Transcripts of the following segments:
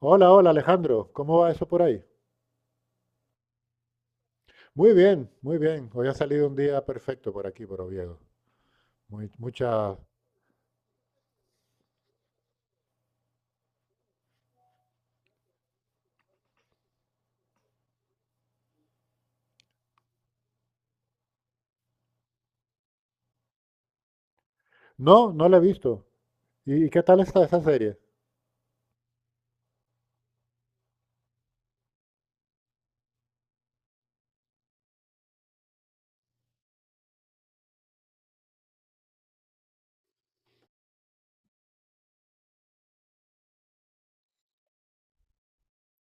Hola, hola Alejandro, ¿cómo va eso por ahí? Muy bien, muy bien. Hoy ha salido un día perfecto por aquí, por Oviedo. Muy, mucha... No, la he visto. ¿Y qué tal está esa serie?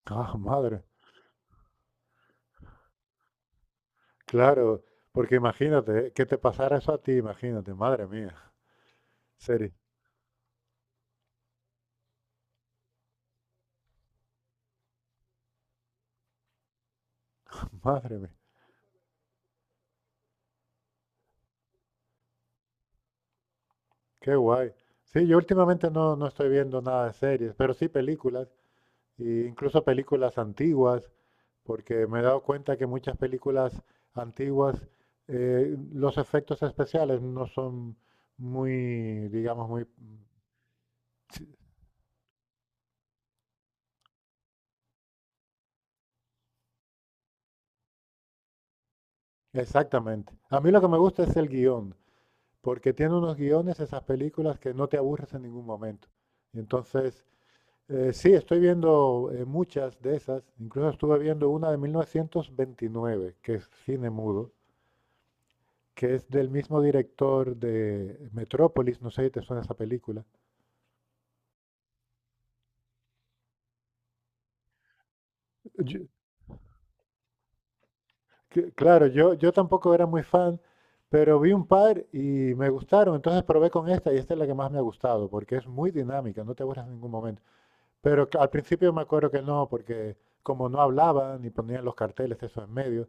Ah, madre, claro, porque imagínate, que te pasara eso a ti, imagínate, madre mía, serie, madre mía, qué guay. Sí, yo últimamente no estoy viendo nada de series, pero sí películas, e incluso películas antiguas. Porque me he dado cuenta que muchas películas antiguas, los efectos especiales no son muy, digamos, muy... Sí, exactamente. A mí lo que me gusta es el guión, porque tiene unos guiones esas películas que no te aburres en ningún momento. Y entonces, sí, estoy viendo muchas de esas, incluso estuve viendo una de 1929, que es cine mudo, que es del mismo director de Metrópolis, no sé si te suena esa película. Yo- Claro, yo tampoco era muy fan, pero vi un par y me gustaron, entonces probé con esta y esta es la que más me ha gustado, porque es muy dinámica, no te aburres en ningún momento. Pero que al principio me acuerdo que no, porque como no hablaban y ponían los carteles eso en medio,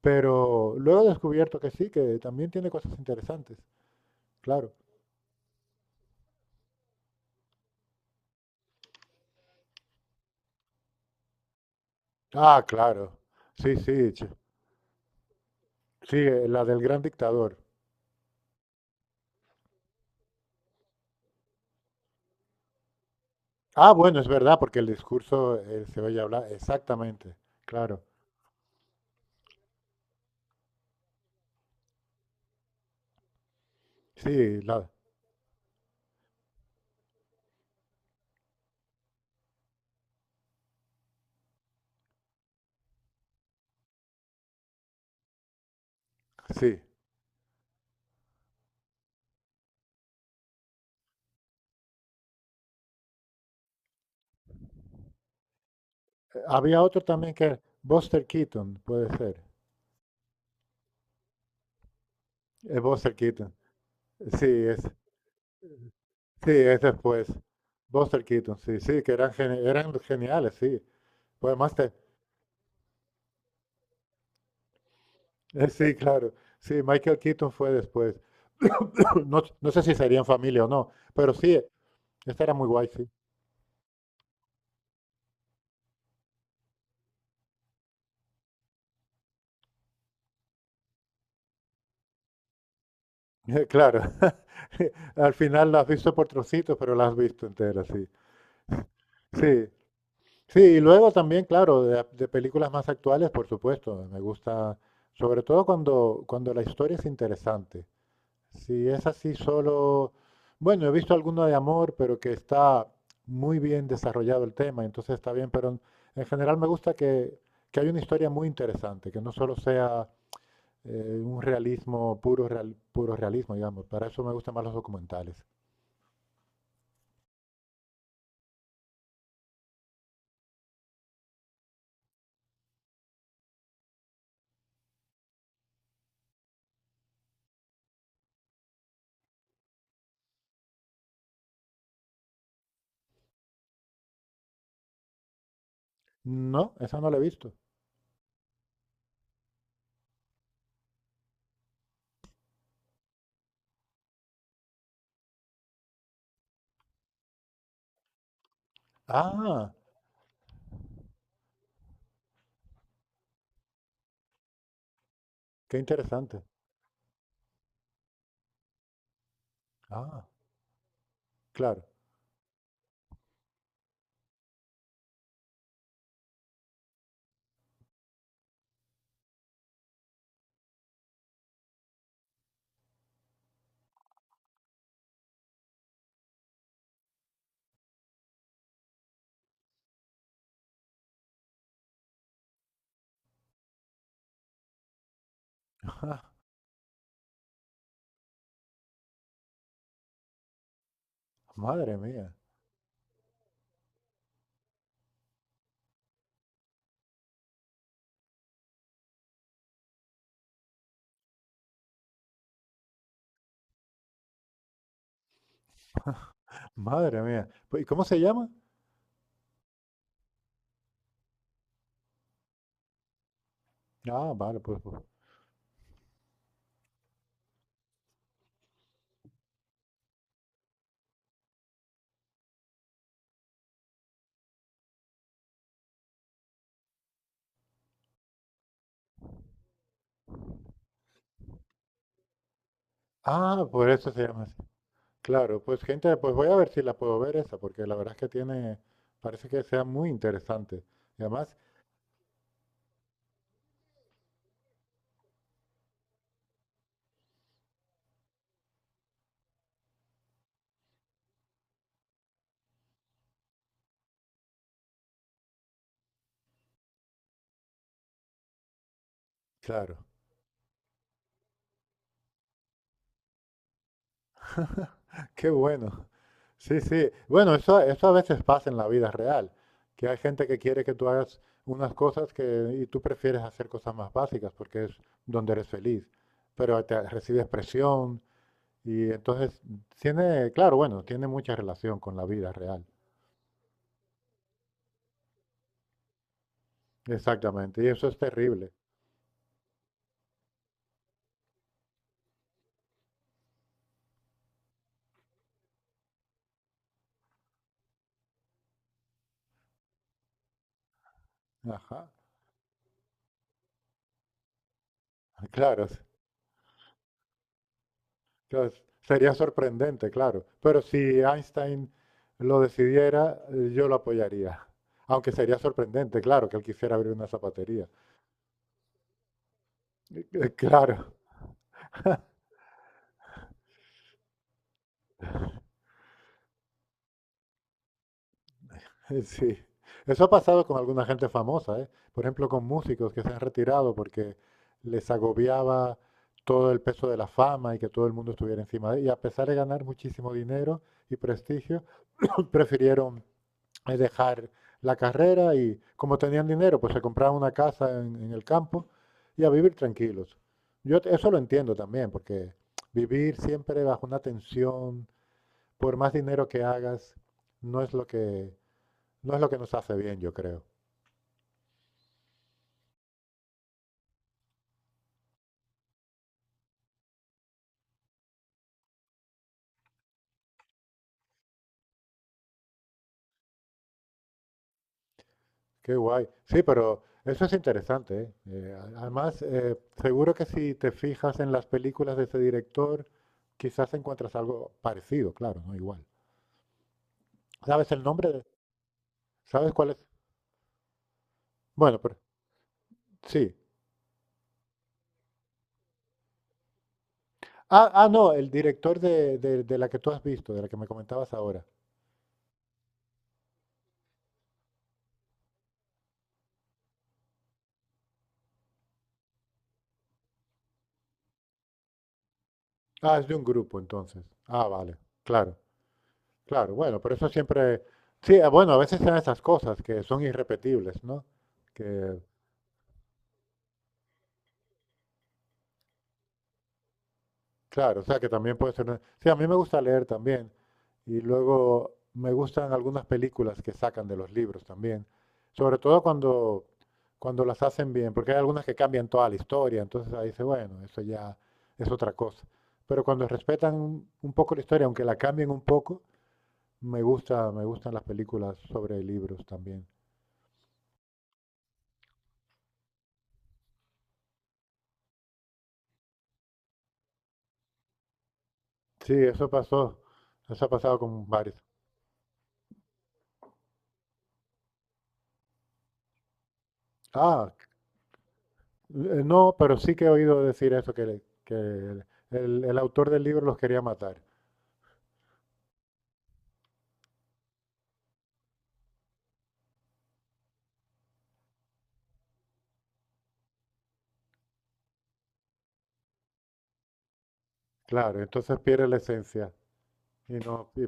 pero luego he descubierto que sí, que también tiene cosas interesantes, claro. Ah, claro, sí, sí, sí, la del gran dictador. Ah, bueno, es verdad, porque el discurso se oye hablar, exactamente, claro. Sí, la, sí. Había otro también que era Buster Keaton, puede ser. Es Buster Keaton. Sí, es, sí, es después. Buster Keaton, sí, sí, que eran, eran geniales, sí. Pues además, te- sí, claro. Sí, Michael Keaton fue después. No, no sé si serían familia o no, pero sí, esta era muy guay, sí. Claro. Al final la has visto por trocitos, pero la has visto entera, sí. Sí, sí, y luego también, claro, de películas más actuales, por supuesto, me gusta, sobre todo cuando la historia es interesante. Si es así solo, bueno, he visto alguno de amor, pero que está muy bien desarrollado el tema, entonces está bien, pero en general me gusta que haya una historia muy interesante, que no solo sea un realismo, puro, puro realismo, digamos. Para eso me gustan más los documentales. No, esa no la he visto. Ah, qué interesante. Ah, claro. Madre mía, madre mía. Pues, ¿y cómo se llama? Ah, vale, pues, pues. Ah, por eso se llama así. Claro, pues gente, pues voy a ver si la puedo ver esa, porque la verdad es que tiene, parece que sea muy interesante. Y además, claro, qué bueno. Sí, sí. Bueno, eso a veces pasa en la vida real, que hay gente que quiere que tú hagas unas cosas que, y tú prefieres hacer cosas más básicas porque es donde eres feliz, pero te recibes presión. Y entonces tiene, claro, bueno, tiene mucha relación con la vida real. Exactamente, y eso es terrible. Ajá. Claro, claro, sería sorprendente, claro. Pero si Einstein lo decidiera, yo lo apoyaría. Aunque sería sorprendente, claro, que él quisiera abrir una zapatería. Claro, sí, eso ha pasado con alguna gente famosa, ¿eh? Por ejemplo, con músicos que se han retirado porque les agobiaba todo el peso de la fama y que todo el mundo estuviera encima de ellos. Y a pesar de ganar muchísimo dinero y prestigio, prefirieron dejar la carrera y como tenían dinero, pues se compraban una casa en el campo y a vivir tranquilos. Eso lo entiendo también, porque vivir siempre bajo una tensión, por más dinero que hagas, no es lo que no es lo que nos hace bien, yo creo. Qué guay. Sí, pero eso es interesante, ¿eh? Además, seguro que si te fijas en las películas de ese director, quizás encuentras algo parecido, claro, no igual. ¿Sabes el nombre? ¿Sabes cuál es? Bueno, pero sí. Ah, ah, no, el director de la que tú has visto, de la que me comentabas ahora. Ah, es de un grupo, entonces. Ah, vale, claro, claro. Bueno, pero eso siempre... Sí, ah, bueno, a veces son esas cosas que son irrepetibles, ¿no? Que claro, o sea que también puede ser... Sí, a mí me gusta leer también. Y luego me gustan algunas películas que sacan de los libros también. Sobre todo cuando las hacen bien, porque hay algunas que cambian toda la historia. Entonces ahí dice, bueno, eso ya es otra cosa. Pero cuando respetan un poco la historia, aunque la cambien un poco, me gustan las películas sobre libros también. Sí, eso pasó. Eso ha pasado con varios. Ah, eh, no, pero sí que he oído decir eso, que el autor del libro los quería matar. Claro, entonces pierde la esencia. Y no, y-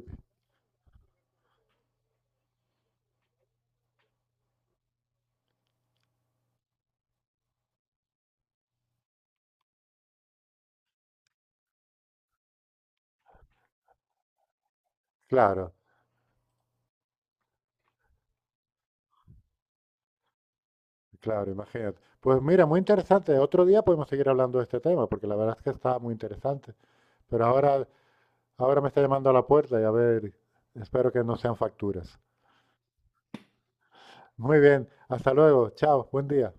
Claro, claro, imagínate. Pues mira, muy interesante. Otro día podemos seguir hablando de este tema, porque la verdad es que está muy interesante. Pero ahora me está llamando a la puerta y a ver, espero que no sean facturas. Muy bien, hasta luego, chao, buen día.